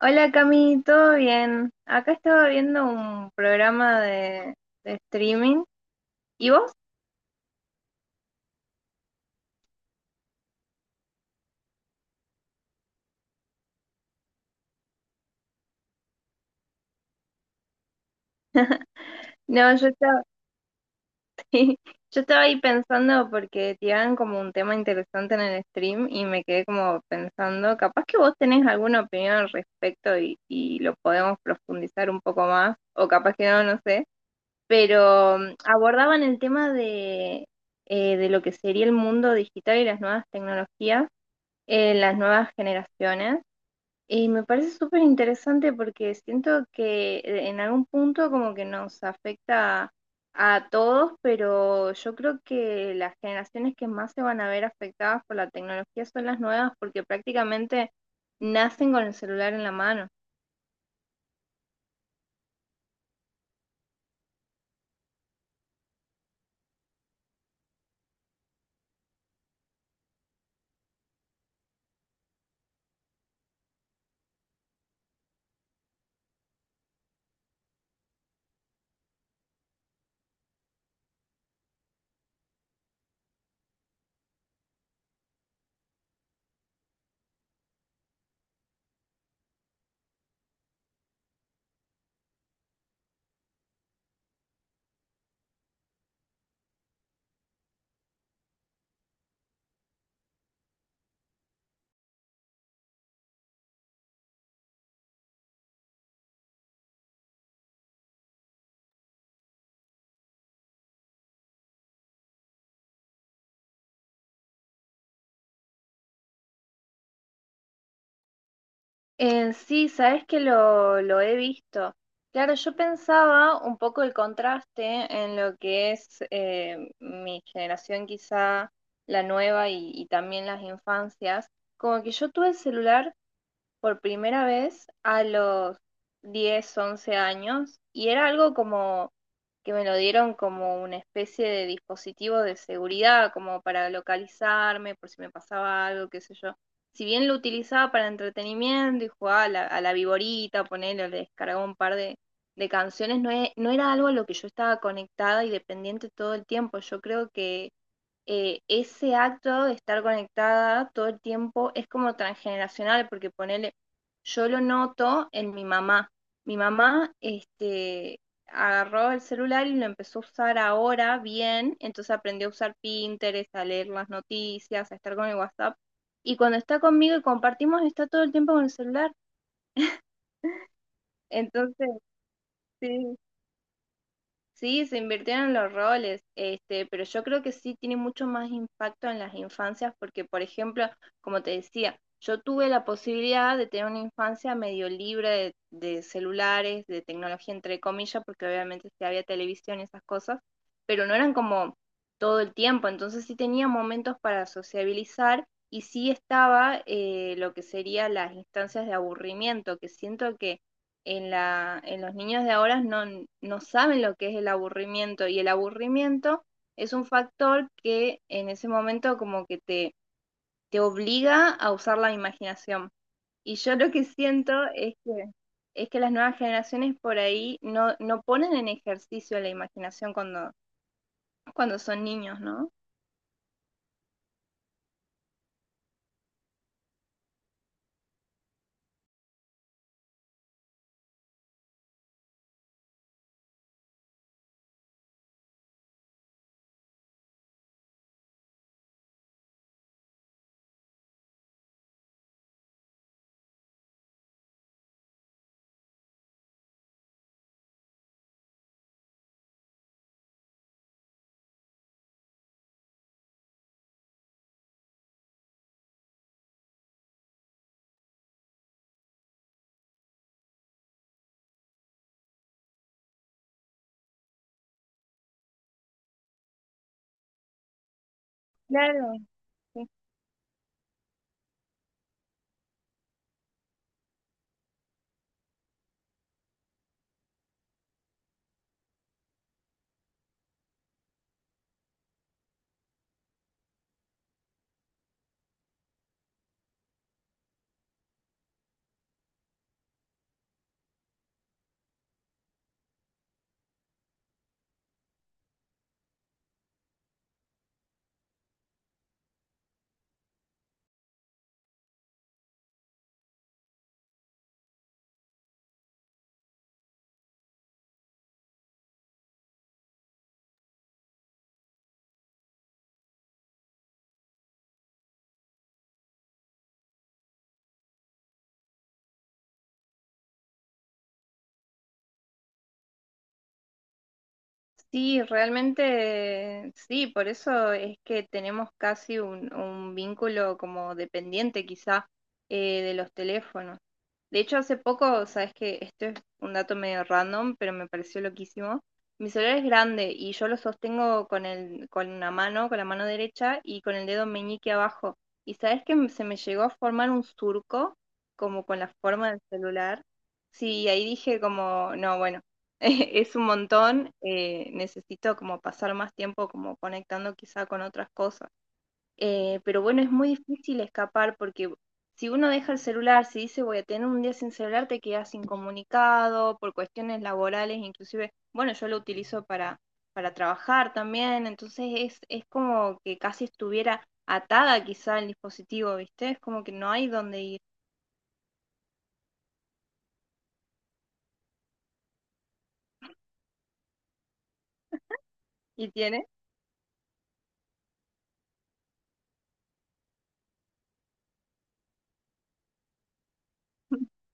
Hola Cami, ¿todo bien? Acá estaba viendo un programa de streaming. ¿Y vos? No, yo estaba, sí, yo estaba ahí pensando porque tiraban como un tema interesante en el stream y me quedé como pensando, capaz que vos tenés alguna opinión al respecto y lo podemos profundizar un poco más, o capaz que no, no sé. Pero abordaban el tema de lo que sería el mundo digital y las nuevas tecnologías en las nuevas generaciones. Y me parece súper interesante porque siento que en algún punto como que nos afecta a todos, pero yo creo que las generaciones que más se van a ver afectadas por la tecnología son las nuevas porque prácticamente nacen con el celular en la mano. Sí, sabes que lo he visto. Claro, yo pensaba un poco el contraste en lo que es mi generación, quizá la nueva y también las infancias. Como que yo tuve el celular por primera vez a los 10 11 años y era algo como que me lo dieron como una especie de dispositivo de seguridad, como para localizarme por si me pasaba algo, qué sé yo. Si bien lo utilizaba para entretenimiento y jugaba a la viborita, ponerle, le descargaba un par de canciones, no era algo a lo que yo estaba conectada y dependiente todo el tiempo. Yo creo que ese acto de estar conectada todo el tiempo es como transgeneracional, porque ponele, yo lo noto en mi mamá. Mi mamá agarró el celular y lo empezó a usar ahora bien, entonces aprendió a usar Pinterest, a leer las noticias, a estar con el WhatsApp. Y cuando está conmigo y compartimos, está todo el tiempo con el celular. Entonces, sí, sí, se invirtieron los roles, pero yo creo que sí tiene mucho más impacto en las infancias porque, por ejemplo, como te decía, yo tuve la posibilidad de tener una infancia medio libre de celulares, de tecnología, entre comillas, porque obviamente sí había televisión y esas cosas, pero no eran como todo el tiempo, entonces sí tenía momentos para sociabilizar y sí estaba lo que serían las instancias de aburrimiento, que siento en los niños de ahora no saben lo que es el aburrimiento y el aburrimiento es un factor que en ese momento como que te obliga a usar la imaginación. Y yo lo que siento es que las nuevas generaciones por ahí no ponen en ejercicio la imaginación cuando son niños, ¿no? Claro, sí. Sí, realmente sí, por eso es que tenemos casi un vínculo como dependiente quizá de los teléfonos. De hecho, hace poco, sabes que esto es un dato medio random, pero me pareció loquísimo. Mi celular es grande y yo lo sostengo con una mano, con la mano derecha y con el dedo meñique abajo. Y sabes que se me llegó a formar un surco, como con la forma del celular. Sí, ahí dije como, no, bueno. Es un montón, necesito como pasar más tiempo como conectando quizá con otras cosas. Pero bueno, es muy difícil escapar porque si uno deja el celular, si dice voy a tener un día sin celular, te quedas incomunicado por cuestiones laborales, inclusive, bueno, yo lo utilizo para trabajar también, entonces es como que casi estuviera atada quizá al dispositivo, ¿viste? Es como que no hay dónde ir. ¿Y tiene?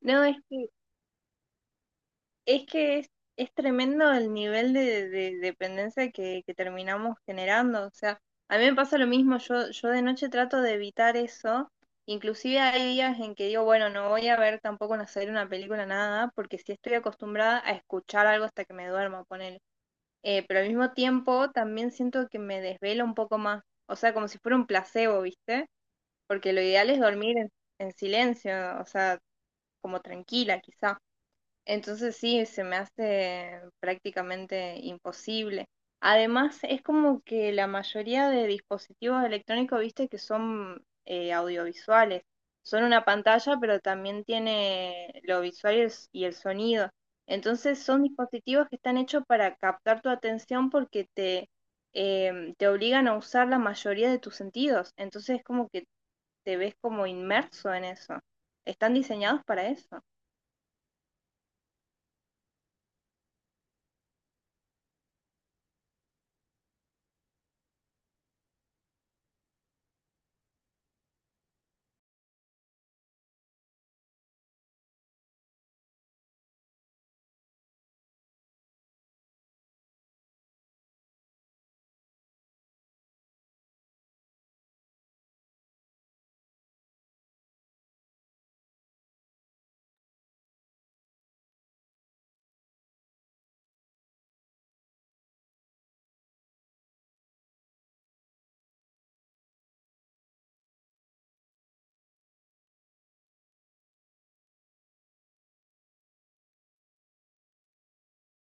No, es que es tremendo el nivel de dependencia que terminamos generando. O sea, a mí me pasa lo mismo, yo de noche trato de evitar eso. Inclusive hay días en que digo, bueno, no voy a ver tampoco una serie, una película, nada, porque si estoy acostumbrada a escuchar algo hasta que me duerma, ponele. Pero al mismo tiempo también siento que me desvelo un poco más. O sea, como si fuera un placebo, ¿viste? Porque lo ideal es dormir en silencio, o sea, como tranquila, quizá. Entonces sí, se me hace prácticamente imposible. Además, es como que la mayoría de dispositivos electrónicos, viste, que son audiovisuales. Son una pantalla, pero también tiene lo visual y el sonido. Entonces son dispositivos que están hechos para captar tu atención porque te obligan a usar la mayoría de tus sentidos. Entonces es como que te ves como inmerso en eso. Están diseñados para eso.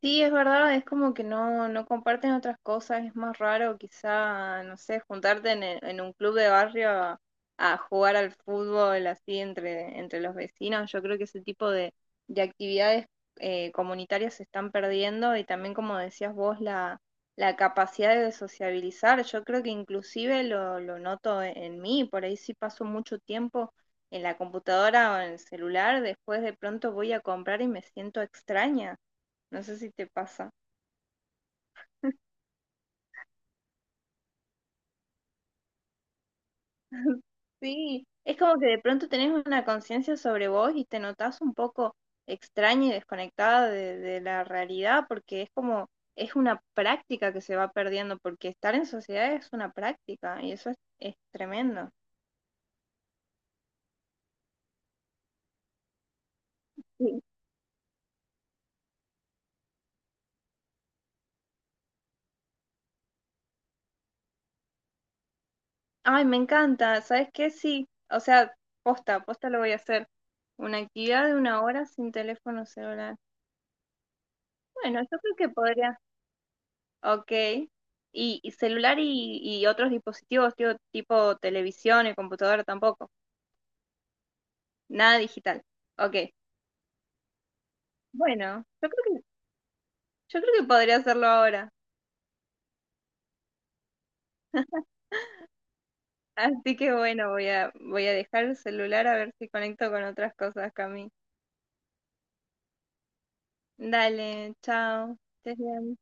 Sí, es verdad, es como que no comparten otras cosas, es más raro quizá, no sé, juntarte en un club de barrio a jugar al fútbol así entre los vecinos. Yo creo que ese tipo de actividades comunitarias se están perdiendo y también, como decías vos, la capacidad de sociabilizar. Yo creo que inclusive lo noto en mí, por ahí sí paso mucho tiempo en la computadora o en el celular, después de pronto voy a comprar y me siento extraña. No sé si te pasa. Sí, es como que de pronto tenés una conciencia sobre vos y te notás un poco extraña y desconectada de la realidad porque es como, es una práctica que se va perdiendo porque estar en sociedad es una práctica y eso es tremendo. Sí. Ay, me encanta, ¿sabes qué? Sí, o sea, posta, posta lo voy a hacer. Una actividad de una hora sin teléfono celular. Bueno, yo creo que podría. Ok. Y celular y otros dispositivos, tío, tipo televisión y computadora tampoco. Nada digital. Ok. Bueno, yo creo que podría hacerlo ahora. Así que bueno, voy a dejar el celular a ver si conecto con otras cosas, Cami. Dale, chao. Estés bien.